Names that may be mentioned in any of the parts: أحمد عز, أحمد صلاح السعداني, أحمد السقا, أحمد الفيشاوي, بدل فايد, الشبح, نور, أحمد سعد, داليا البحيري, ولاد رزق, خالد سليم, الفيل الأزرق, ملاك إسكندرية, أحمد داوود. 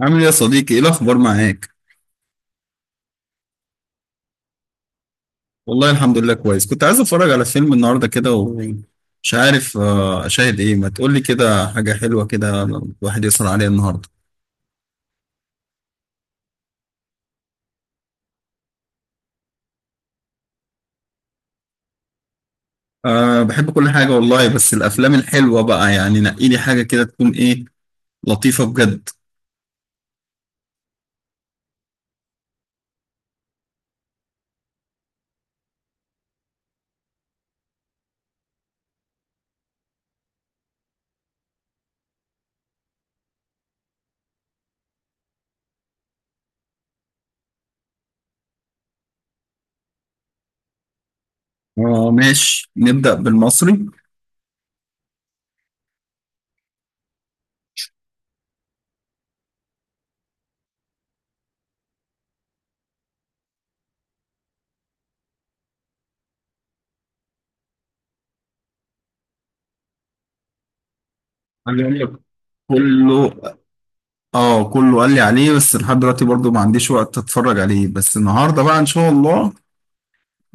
عامل ايه يا صديقي، ايه الاخبار معاك؟ والله الحمد لله كويس. كنت عايز اتفرج على فيلم النهارده كده ومش عارف، اشاهد ايه. ما تقولي كده حاجه حلوه كده الواحد يسهر عليها النهارده. أه بحب كل حاجه والله، بس الافلام الحلوه بقى يعني نقي لي حاجه كده تكون ايه، لطيفه بجد. أه ماشي، نبدا بالمصري. اللي قال لك كله. اه كله قال لي عليه، بس لحد دلوقتي برضو ما عنديش وقت اتفرج عليه، بس النهارده بقى ان شاء الله.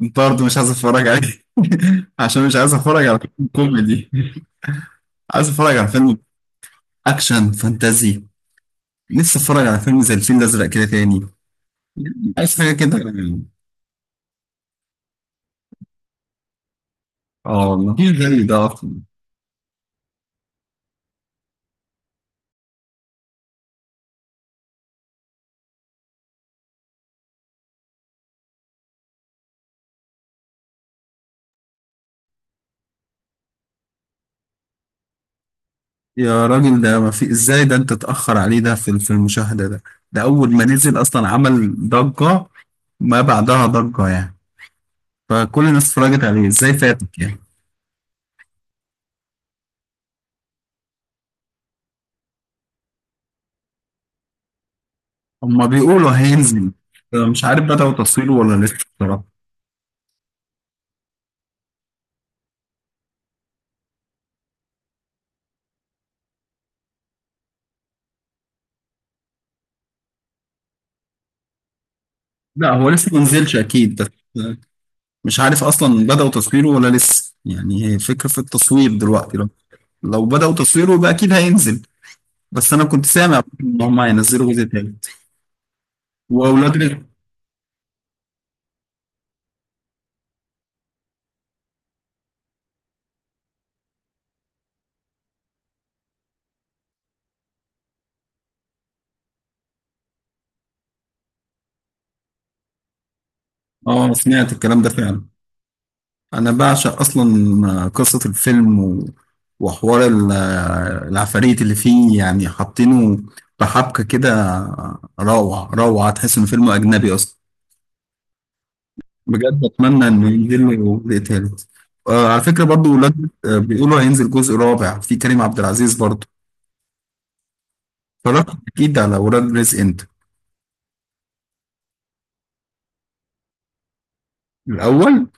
انت برضه مش عايز اتفرج عليه عشان مش عايز اتفرج على فيلم كوميدي. عايز اتفرج على فيلم اكشن فانتازي. لسه اتفرج على فيلم زي الفيل الازرق كده تاني. عايز حاجه كده يعني. اه والله مفيش زي ده اصلا. يا راجل، ده ما في ازاي؟ ده انت اتاخر عليه ده في المشاهده ده. ده اول ما نزل اصلا عمل ضجه، ما بعدها ضجه يعني. فكل الناس اتفرجت عليه، ازاي فاتك يعني؟ هما بيقولوا هينزل. مش عارف بدأوا تصويره ولا لسه بصراحه. لا هو لسه ما نزلش اكيد بس. مش عارف اصلا بدأوا تصويره ولا لسه يعني، هي فكرة في التصوير دلوقتي. لو بدأوا تصويره يبقى اكيد هينزل. بس انا كنت سامع ان هم هينزلوا جزء تالت، واولاد رزق. اه سمعت الكلام ده فعلا. انا بعشق اصلا قصة الفيلم وحوار العفاريت اللي فيه، يعني حاطينه بحبكة كده، روعة روعة. تحس ان فيلم اجنبي اصلا، بجد اتمنى انه ينزل له جزء تالت. آه على فكره برضو، ولاد بيقولوا هينزل جزء رابع في كريم عبد العزيز برضو. اتفرجت اكيد على ولاد رزق انت؟ الاول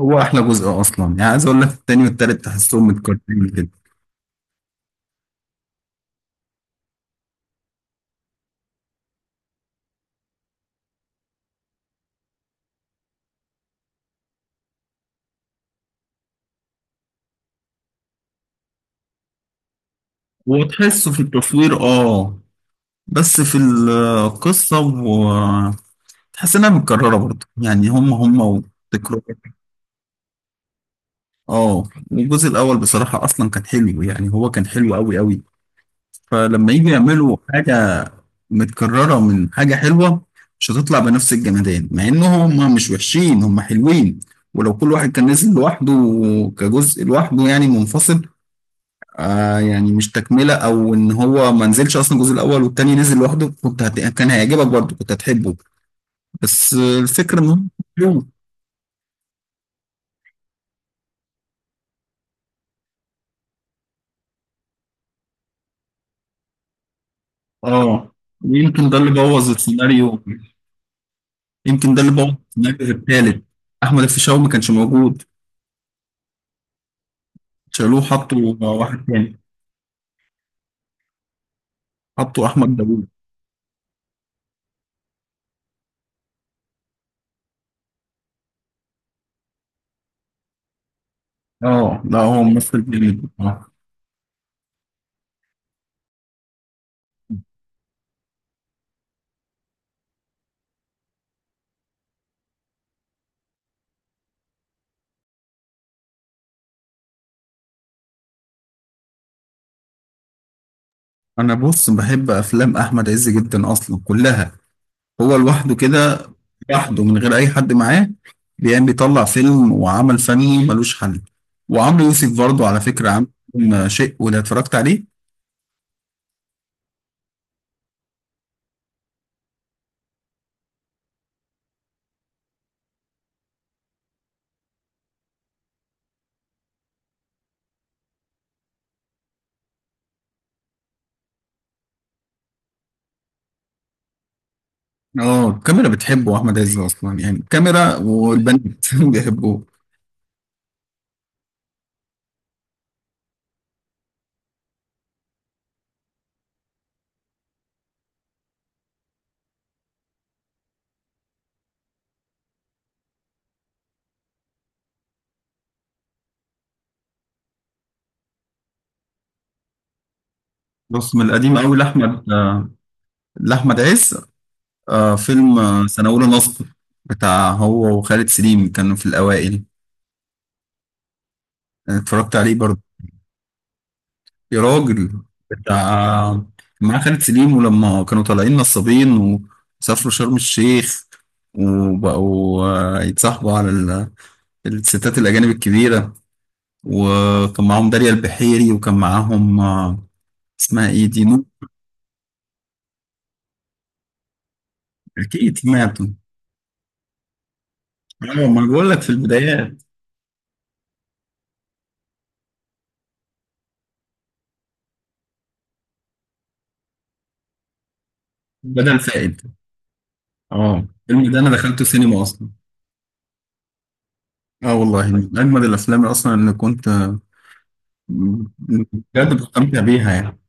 هو احلى جزء اصلا يعني. عايز اقول لك، التاني والتالت تحسهم متكررين كده. وتحسه في التصوير اه، بس في القصه وتحس انها متكرره برضو، يعني هم هم وتكرار. اه الجزء الاول بصراحه اصلا كان حلو، يعني هو كان حلو قوي قوي. فلما يجي يعملوا حاجه متكررة من حاجة حلوة مش هتطلع بنفس الجمدان، مع إن هم مش وحشين، هم حلوين. ولو كل واحد كان نزل لوحده كجزء لوحده يعني منفصل، آه يعني مش تكملة، أو إن هو ما نزلش أصلا الجزء الأول والتاني نزل لوحده، كان هيعجبك برضه، كنت هتحبه. بس الفكرة إن هم حلو. آه يمكن ده اللي بوظ السيناريو، يمكن ده اللي بوظ السيناريو التالت. أحمد الفيشاوي ما كانش موجود، شالوه حطوا واحد تاني، حطوا أحمد داوود. اه لا هو ممثل جميل. انا بص، بحب افلام احمد عز جدا اصلا كلها. هو لوحده كده، لوحده من غير اي حد معاه، بيقام بيطلع فيلم وعمل فني ملوش حل. وعمرو يوسف برضه على فكره، عامل فيلم شيء، ولا اتفرجت عليه؟ اه الكاميرا بتحبه احمد عز اصلا، يعني الكاميرا والبنات بيحبوه. بص، من القديم قوي لاحمد عز فيلم سنه اولى نصب، بتاع هو وخالد سليم، كانوا في الاوائل. اتفرجت عليه برضه، يا راجل. بتاع مع خالد سليم، ولما كانوا طالعين نصابين وسافروا شرم الشيخ وبقوا يتصاحبوا على الستات الأجانب الكبيرة، وكان معاهم داليا البحيري وكان معاهم اسمها ايه دي، نور. أكيد سمعته. اه ما أنا بقول لك، في البدايات. بدل فائد، اه الفيلم ده أنا دخلته سينما أصلا. اه والله من أجمد الأفلام أصلا اللي كنت بجد بستمتع بيها يعني.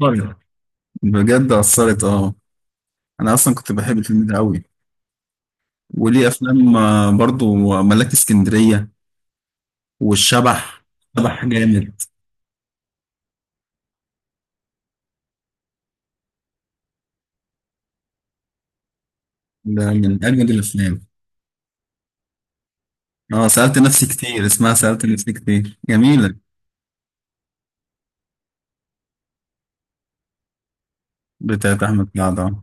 طيب، بجد أثرت. اه انا اصلا كنت بحب الفيلم ده قوي. وليه افلام برضو، ملاك اسكندريه والشبح. شبح جامد، ده من اجمد الافلام. اه سالت نفسي كتير، اسمها سالت نفسي كتير، جميله، بتاعت احمد سعد اه.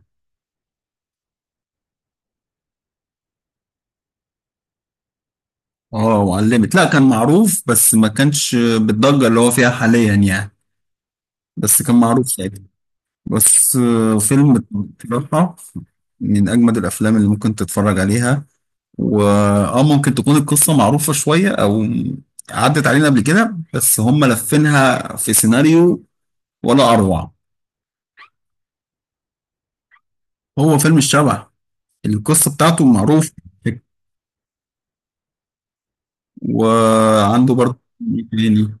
وعلمت، لا كان معروف بس ما كانش بالضجه اللي هو فيها حاليا يعني، بس كان معروف ساعتها. بس فيلم بصراحه من اجمد الافلام اللي ممكن تتفرج عليها. واه ممكن تكون القصة معروفة شوية او عدت علينا قبل كده، بس هم لفينها في سيناريو ولا اروع. هو فيلم الشبح، القصة بتاعته معروف. وعنده برضه يعني،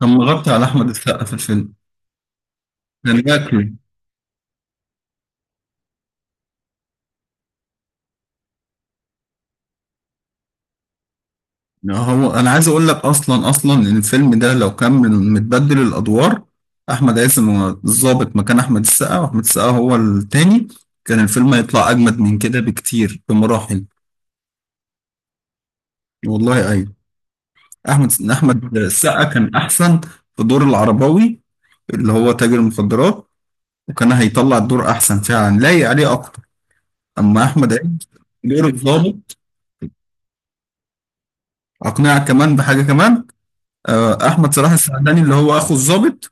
كان مغطي على احمد السقا في الفيلم، كان باكله. هو انا عايز اقول لك، اصلا اصلا ان الفيلم ده لو كان متبدل الادوار، احمد عز الضابط مكان احمد السقا، واحمد السقا هو التاني، كان الفيلم هيطلع اجمد من كده بكتير بمراحل. والله أيوه. احمد السقا كان احسن في دور العرباوي اللي هو تاجر المخدرات، وكان هيطلع الدور احسن فعلا، لايق عليه اكتر. اما احمد عيد، دور الضابط. اقنعك كمان بحاجه كمان، احمد صلاح السعداني اللي هو اخو الضابط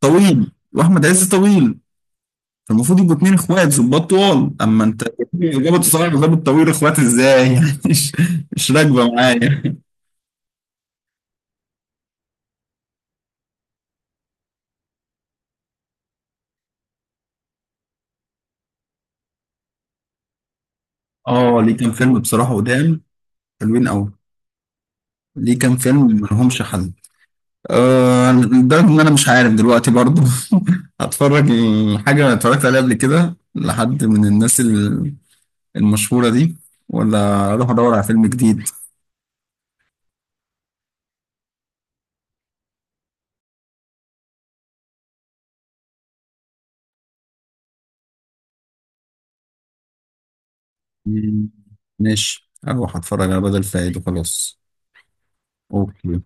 طويل، واحمد عز طويل، فالمفروض يبقوا 2 اخوات ظباط طوال. اما انت ظابط صلاح وظابط طويل، اخوات ازاي؟ يعني مش راكبه معايا. اه ليه كام فيلم بصراحه قدام، حلوين قوي. ليه كام فيلم ملهمش حل. أه لدرجة إن أنا مش عارف دلوقتي برضو هتفرج حاجة أنا اتفرجت عليها قبل كده لحد من الناس المشهورة دي، ولا أروح أدور على فيلم جديد. مم، ماشي أروح أتفرج على بدل فايد وخلاص. أوكي.